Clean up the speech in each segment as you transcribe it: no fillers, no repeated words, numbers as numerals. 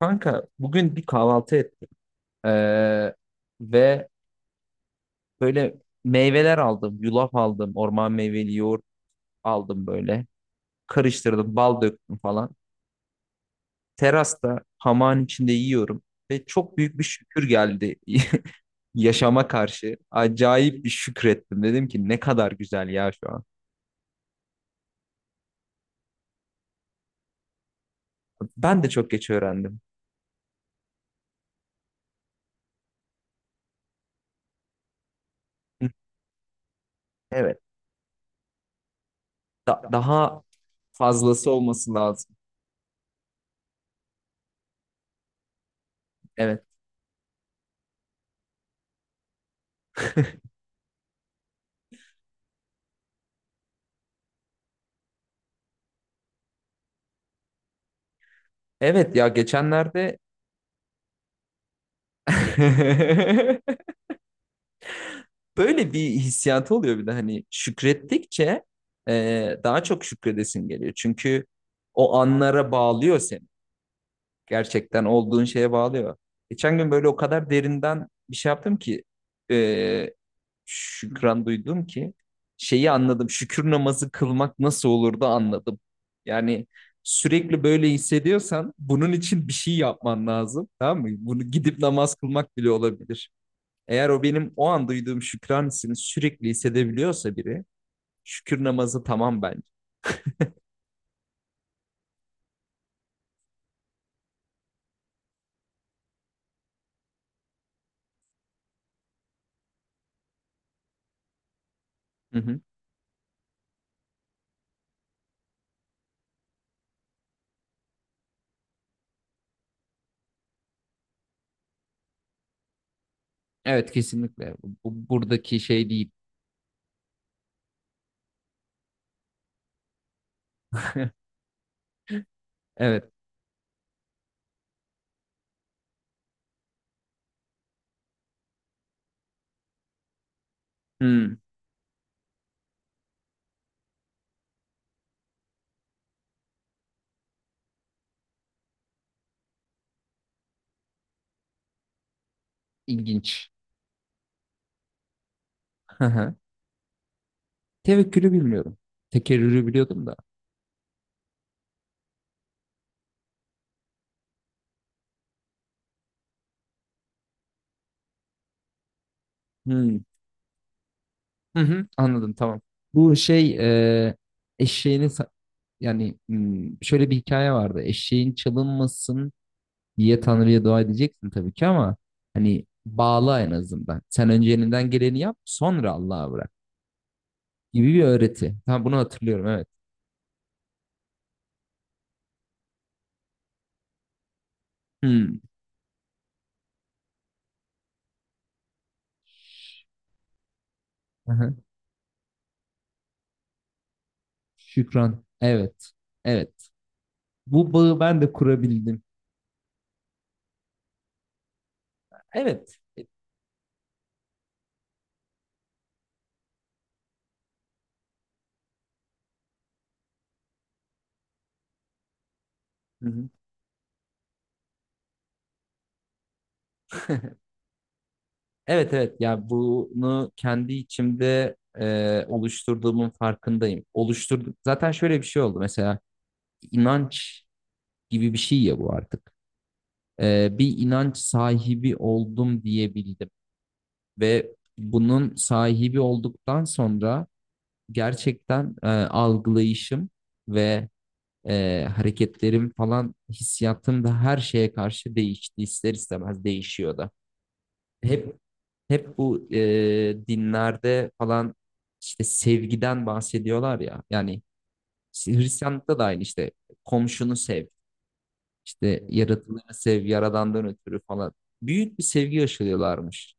Kanka bugün bir kahvaltı ettim. Ee, ve böyle meyveler aldım. Yulaf aldım. Orman meyveli yoğurt aldım böyle. Karıştırdım. Bal döktüm falan. Terasta hamağın içinde yiyorum. Ve çok büyük bir şükür geldi yaşama karşı. Acayip bir şükrettim. Dedim ki ne kadar güzel ya şu an. Ben de çok geç öğrendim. Hı, evet. Daha fazlası olması lazım. Evet. Evet ya geçenlerde böyle bir hissiyatı oluyor bir de hani şükrettikçe daha çok şükredesin geliyor. Çünkü o anlara bağlıyor seni. Gerçekten olduğun şeye bağlıyor. Geçen gün böyle o kadar derinden bir şey yaptım ki e, şükran duydum ki şeyi anladım. Şükür namazı kılmak nasıl olur da anladım. Yani sürekli böyle hissediyorsan bunun için bir şey yapman lazım. Tamam mı? Bunu gidip namaz kılmak bile olabilir. Eğer o benim o an duyduğum şükran hissini sürekli hissedebiliyorsa biri, şükür namazı tamam bence. Hı hı. Evet, kesinlikle. Buradaki şey değil. Evet. Hmm. İlginç. Hı hı. Tevekkülü bilmiyorum. Tekerrürü biliyordum da. Hmm. Hı hı. Anladım, tamam. Bu şey e, eşeğini sa- yani hmm, şöyle bir hikaye vardı. Eşeğin çalınmasın diye Tanrı'ya dua edeceksin tabii ki ama hani bağla en azından. Sen önce elinden geleni yap sonra Allah'a bırak. Gibi bir öğreti. Ha, bunu hatırlıyorum, evet. Hmm. Aha. Şükran. Evet. Evet. Bu bağı ben de kurabildim. Evet. Hı hı. Evet, evet ya bunu kendi içimde oluşturduğumun farkındayım. Oluşturduk. Zaten şöyle bir şey oldu mesela inanç gibi bir şey ya bu artık. E, bir inanç sahibi oldum diyebildim ve bunun sahibi olduktan sonra gerçekten algılayışım ve hareketlerim falan hissiyatım da her şeye karşı değişti. İster istemez değişiyor da. Hep hep bu dinlerde falan işte sevgiden bahsediyorlar ya. Yani işte Hristiyanlıkta da aynı işte komşunu sev, işte yaratılanı sev, yaradandan ötürü falan. Büyük bir sevgi aşılıyorlarmış.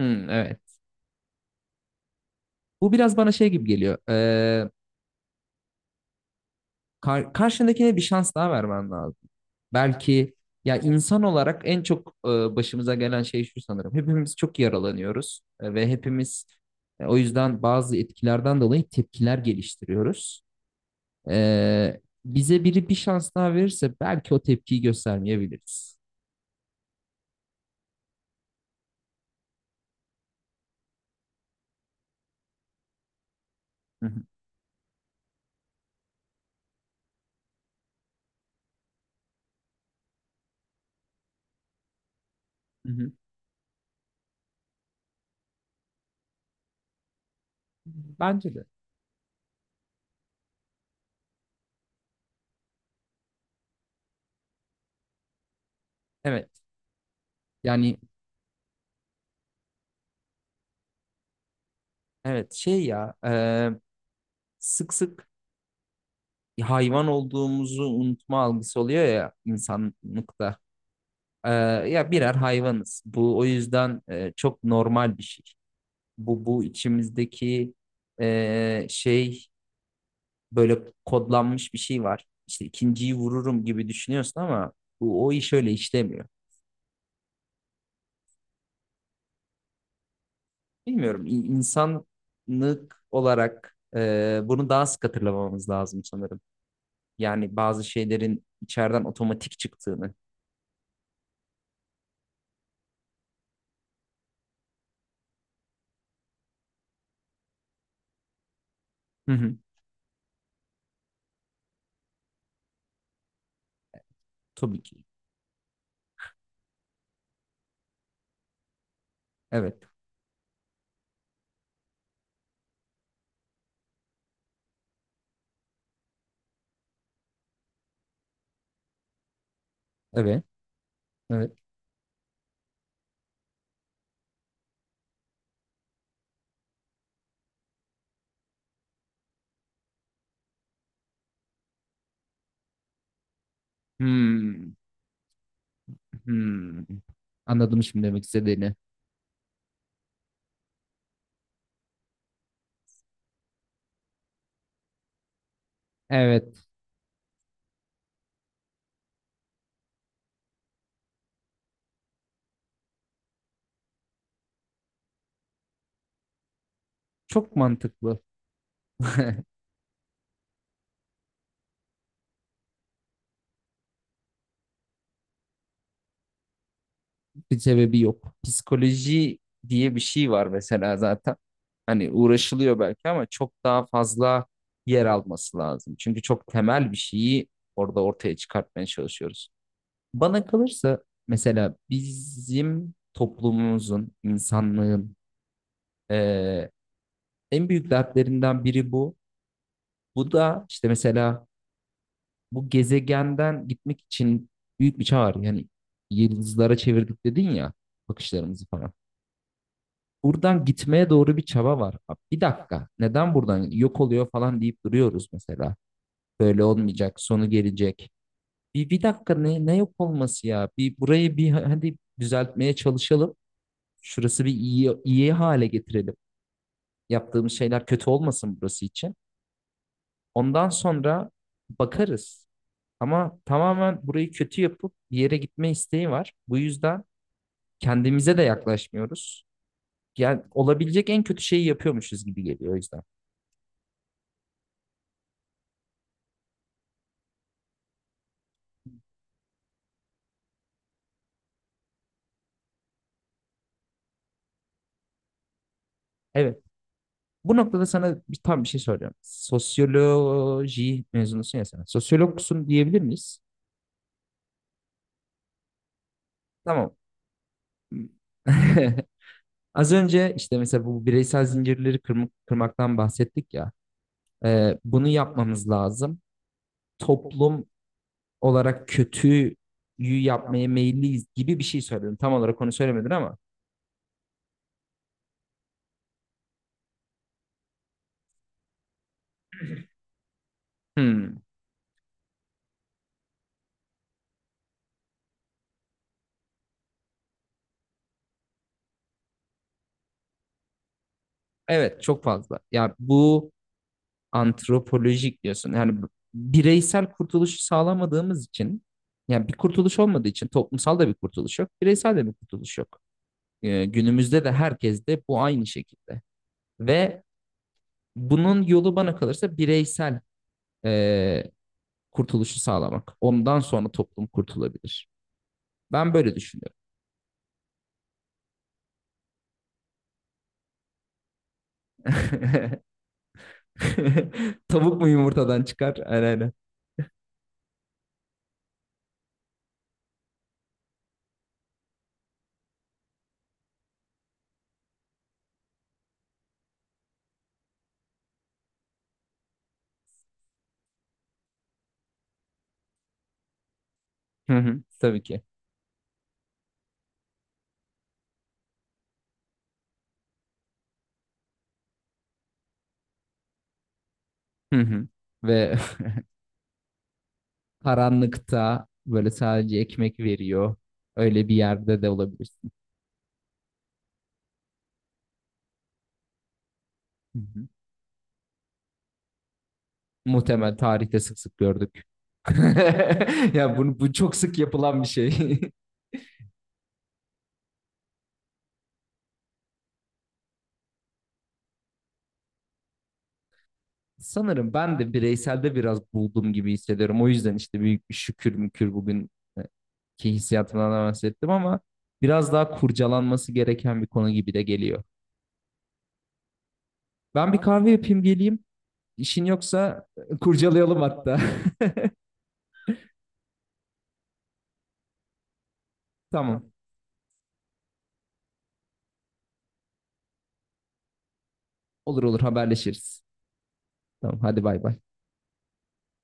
Hmm, evet. Bu biraz bana şey gibi geliyor. Karşındakine bir şans daha vermen lazım. Belki ya insan olarak en çok başımıza gelen şey şu sanırım. Hepimiz çok yaralanıyoruz ve hepimiz o yüzden bazı etkilerden dolayı tepkiler geliştiriyoruz. E, bize biri bir şans daha verirse belki o tepkiyi göstermeyebiliriz. Hı hı. Hı hı. Bence de. Evet. Yani evet şey ya sık sık hayvan olduğumuzu unutma algısı oluyor ya insanlıkta. Ee, ya birer hayvanız. Bu o yüzden çok normal bir şey. Bu içimizdeki şey böyle kodlanmış bir şey var. İşte ikinciyi vururum gibi düşünüyorsun ama bu o iş öyle işlemiyor. Bilmiyorum insanlık olarak bunu daha sık hatırlamamız lazım sanırım. Yani bazı şeylerin içeriden otomatik çıktığını. Hı hı, tabii ki. Evet. Evet. Evet. Hmm, hmm. Anladım şimdi demek istediğini. Evet, çok mantıklı. Bir sebebi yok. Psikoloji diye bir şey var mesela zaten. Hani uğraşılıyor belki ama çok daha fazla yer alması lazım. Çünkü çok temel bir şeyi orada ortaya çıkartmaya çalışıyoruz. Bana kalırsa mesela bizim toplumumuzun, insanlığın eee, en büyük dertlerinden biri bu. Bu da işte mesela bu gezegenden gitmek için büyük bir çağ var. Yani yıldızlara çevirdik dedin ya bakışlarımızı falan. Buradan gitmeye doğru bir çaba var. Abi bir dakika neden buradan yok oluyor falan deyip duruyoruz mesela. Böyle olmayacak, sonu gelecek. Bir dakika ne yok olması ya? Bir burayı bir hadi düzeltmeye çalışalım. Şurası bir iyi, iyi hale getirelim. Yaptığımız şeyler kötü olmasın burası için. Ondan sonra bakarız. Ama tamamen burayı kötü yapıp bir yere gitme isteği var. Bu yüzden kendimize de yaklaşmıyoruz. Yani olabilecek en kötü şeyi yapıyormuşuz gibi geliyor o yüzden. Evet. Bu noktada sana bir, tam bir şey soracağım. Sosyoloji mezunusun ya sen. Sosyologsun diyebilir miyiz? Tamam. Az önce işte mesela bu bireysel zincirleri kırmaktan bahsettik ya. Bunu yapmamız lazım. Toplum olarak kötüyü yapmaya meyilliyiz gibi bir şey söyledim. Tam olarak onu söylemedin ama. Hmm, evet, çok fazla. Ya bu antropolojik diyorsun. Yani bireysel kurtuluşu sağlamadığımız için yani bir kurtuluş olmadığı için toplumsal da bir kurtuluş yok. Bireysel de bir kurtuluş yok. Günümüzde de herkes de bu aynı şekilde. Ve bunun yolu bana kalırsa bireysel e, kurtuluşu sağlamak. Ondan sonra toplum kurtulabilir. Ben böyle düşünüyorum. Tavuk mu yumurtadan çıkar? Aynen, aynen. Hı hı. Tabii ki. Hı hı. Ve karanlıkta böyle sadece ekmek veriyor. Öyle bir yerde de olabilirsin. Hı hı. Muhtemel tarihte sık sık gördük. Ya bunu, bu çok sık yapılan bir şey. Sanırım ben de bireyselde biraz buldum gibi hissediyorum. O yüzden işte büyük bir şükür mükür bugün e, ki hissiyatımdan da bahsettim ama biraz daha kurcalanması gereken bir konu gibi de geliyor. Ben bir kahve yapayım geleyim. İşin yoksa kurcalayalım hatta. Tamam. Olur, olur, haberleşiriz. Tamam, hadi bay bay.